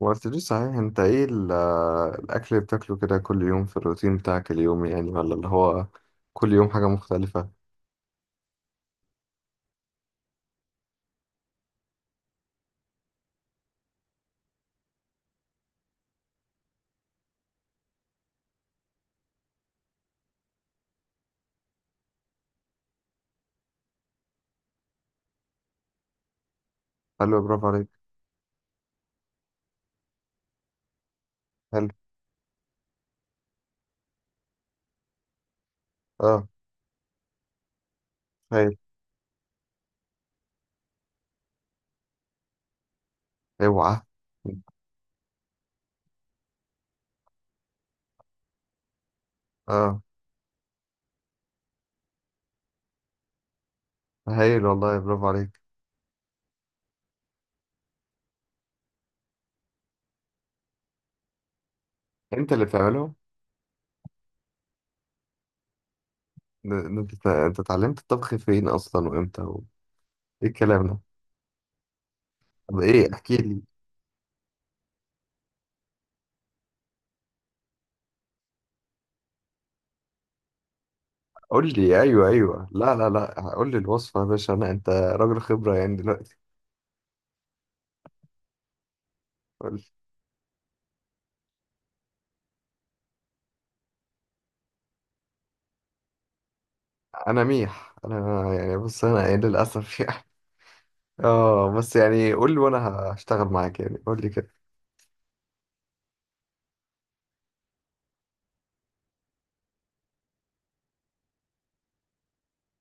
ما قلتليش صحيح، انت ايه الاكل اللي بتاكله كده كل يوم في الروتين بتاعك اليومي، يعني ولا اللي هو كل يوم حاجة مختلفة؟ حلو، برافو عليك. حلو. اه. هايل. اوعى. اه. هايل والله، برافو عليك. انت اللي بتعمله؟ ده انت اتعلمت الطبخ فين اصلا وامتى ايه الكلام ده! طب ايه، احكي لي. قول لي، ايوه ايوه، لا لا لا، قول لي الوصفة يا باشا. انا انت راجل خبرة يعني دلوقتي. قول لي. انا ميح، انا يعني بص انا ايه للاسف اه بس يعني قول لي وانا هشتغل معاك يعني، قول لي كده.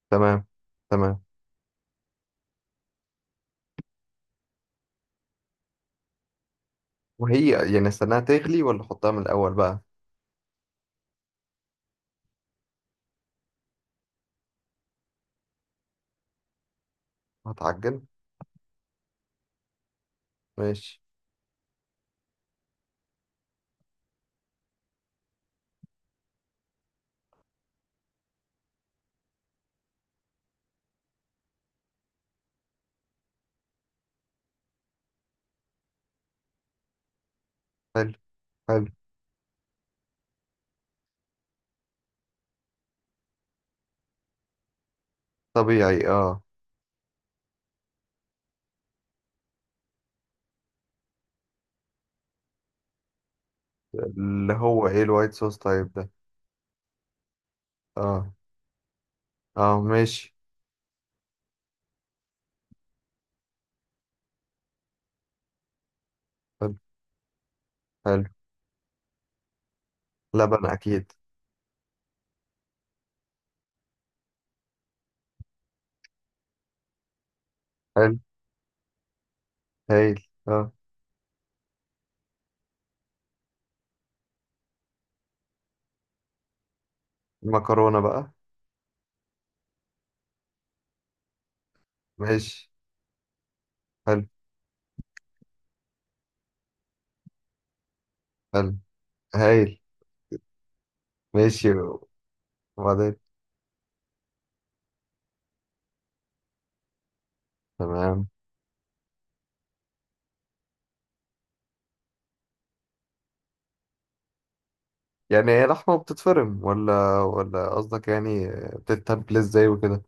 تمام. تمام. وهي يعني استناها تغلي ولا احطها من الاول بقى؟ هتعجن. ماشي. حلو. حلو. طبيعي، اه. اللي هو ايه الوايت صوص طيب؟ ده اه. اه، ماشي. حلو. حلو. لبن اكيد. حلو. هايل، اه. المكرونة بقى؟ ماشي. حلو. حلو. هايل. ماشي. وبعدين؟ تمام. يعني هي لحمة بتتفرم ولا ولا، قصدك يعني بتتبل ازاي وكده؟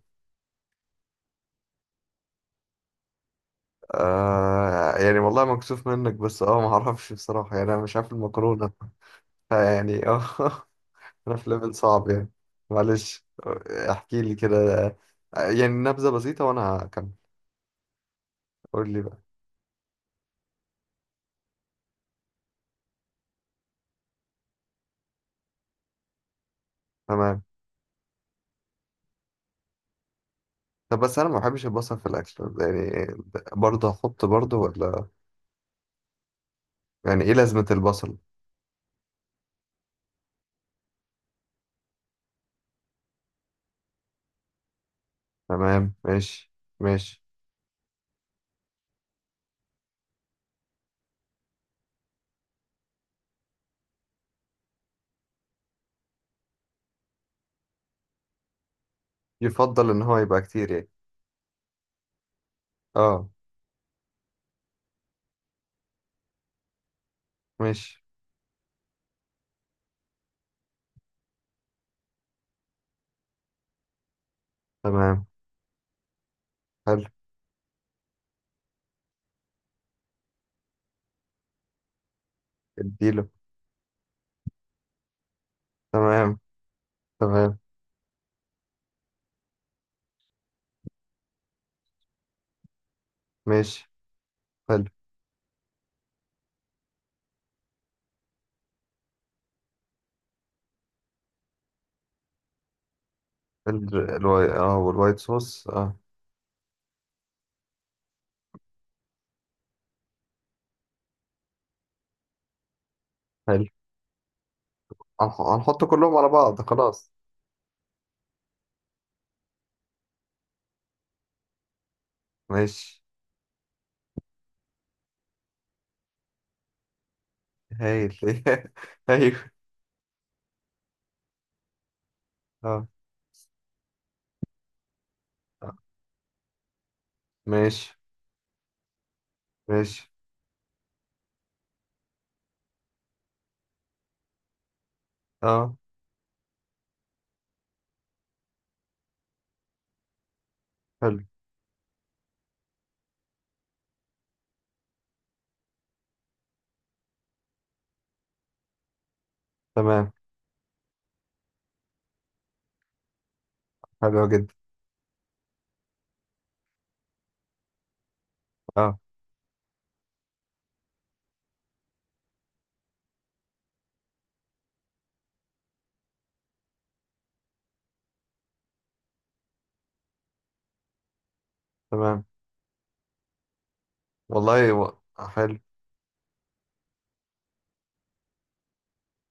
يعني والله مكسوف منك، بس اه ما اعرفش بصراحة يعني، انا مش عارف المكرونة يعني اه انا في ليفل صعب يعني. معلش، احكي لي كده. يعني نبذة بسيطة وانا هكمل. قول لي بقى. تمام. طب بس انا ما بحبش البصل في الاكل يعني، برضه هحط برضه ولا؟ يعني ايه لازمة البصل؟ تمام، ماشي. ماشي. يفضل ان هو يبقى كتير يعني؟ اه. ماشي. تمام. حلو. اديله. تمام. تمام. ماشي. حلو. الواي اه، والوايت صوص، اه. حلو. هنحط كلهم على بعض خلاص؟ ماشي. هايل ايوه. اه. آه. ماشي. ماشي. اه. حلو. تمام. حلو جدا. اه. تمام. والله حلو.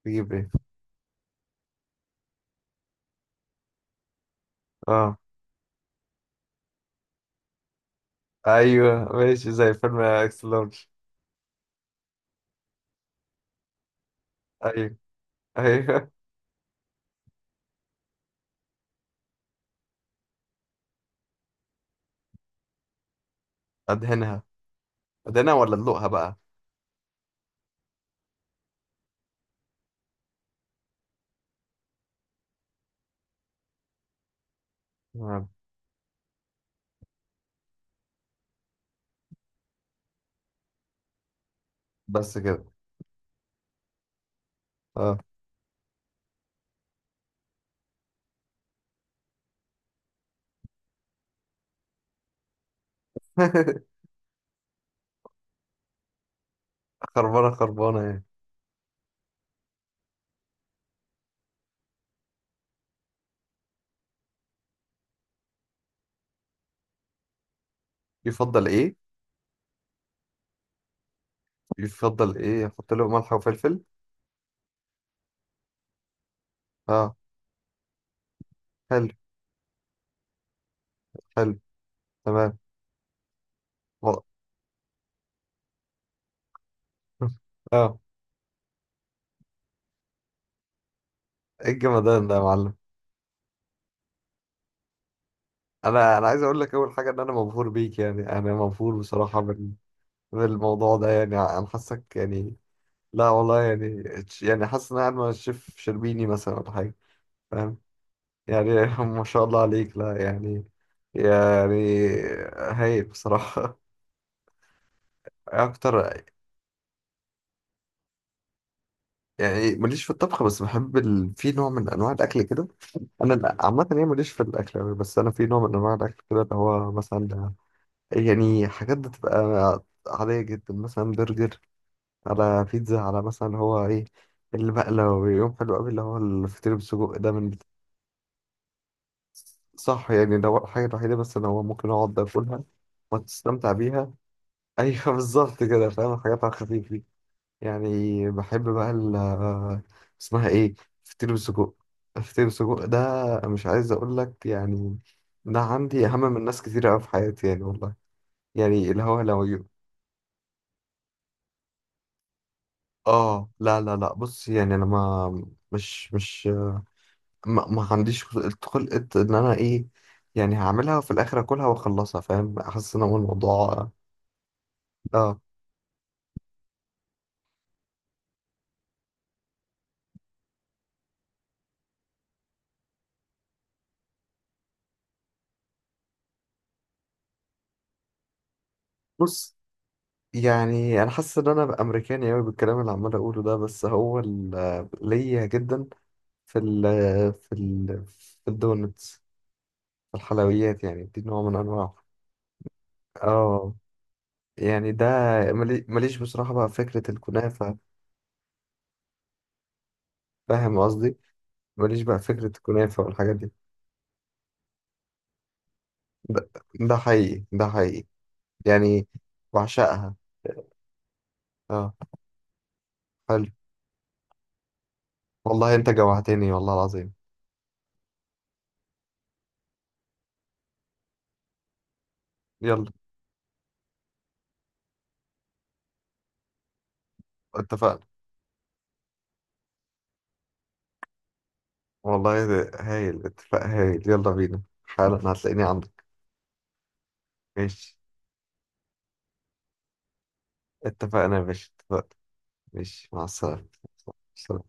تجيب ايه؟ اه. ايوه ماشي، زي فيلم اكس لارج. ايوه. ايوه ادهنها؟ ادهنها ولا ادلقها بقى؟ آه. بس كده؟ اه خربانه خربانه يعني؟ يفضل ايه؟ يفضل ايه، احط له ملح وفلفل؟ اه. حلو. حلو. تمام. و- اه. ايه الجمدان ده يا معلم! انا عايز اقول لك، اول حاجه ان انا مبهور بيك يعني، انا مبهور بصراحه بالموضوع ده يعني، انا حاسك يعني. لا والله يعني، يعني حاسس ان انا قاعد مع الشيف شربيني مثلا ولا حاجه، فاهم يعني ما شاء الله عليك، لا يعني، يعني هايل بصراحه اكتر يعني. ماليش في الطبخ، بس بحب في نوع من انواع الاكل كده. انا عامه يعني ماليش في الاكل أوي، بس انا في نوع من انواع الاكل كده اللي هو مثلا يعني حاجات بتبقى عاديه جدا، مثلا برجر، على بيتزا، على مثلا هو ايه اللي بقى لو يوم حلو قوي، اللي هو الفطير بالسجق ده من... صح يعني، ده هو الحاجه الوحيده بس اللي هو ممكن اقعد اكلها وتستمتع بيها. ايوه بالظبط كده، فاهم، الحاجات على الخفيف دي يعني. بحب بقى اسمها ايه، فطير بالسجق. فطير بالسجق ده مش عايز اقول لك يعني، ده عندي اهم من ناس كتير قوي في حياتي يعني والله. يعني اللي هو لو اه، لا لا لا، بص يعني انا ما مش مش ما, ما عنديش خلقة ان انا ايه، يعني هعملها وفي الاخر اكلها واخلصها، فاهم، احس ان هو الموضوع. اه بص يعني انا حاسس ان انا امريكاني قوي بالكلام اللي عمال اقوله ده، بس هو ليا جدا في ال في ال في الدونتس، في الحلويات يعني دي نوع من انواع. اه يعني ده، ماليش بصراحة بقى فكرة الكنافة، فاهم قصدي؟ ماليش بقى فكرة الكنافة والحاجات دي. ده, ده حقيقي، ده حقيقي يعني، بعشقها. اه، حلو. والله انت جوعتني والله العظيم. يلا. اتفقنا والله، هايل، اتفاق هايل. يلا بينا حالا، هتلاقيني عندك. ماشي. اتفقنا يا باشا، اتفقنا. ماشي، مع السلامة. سلام.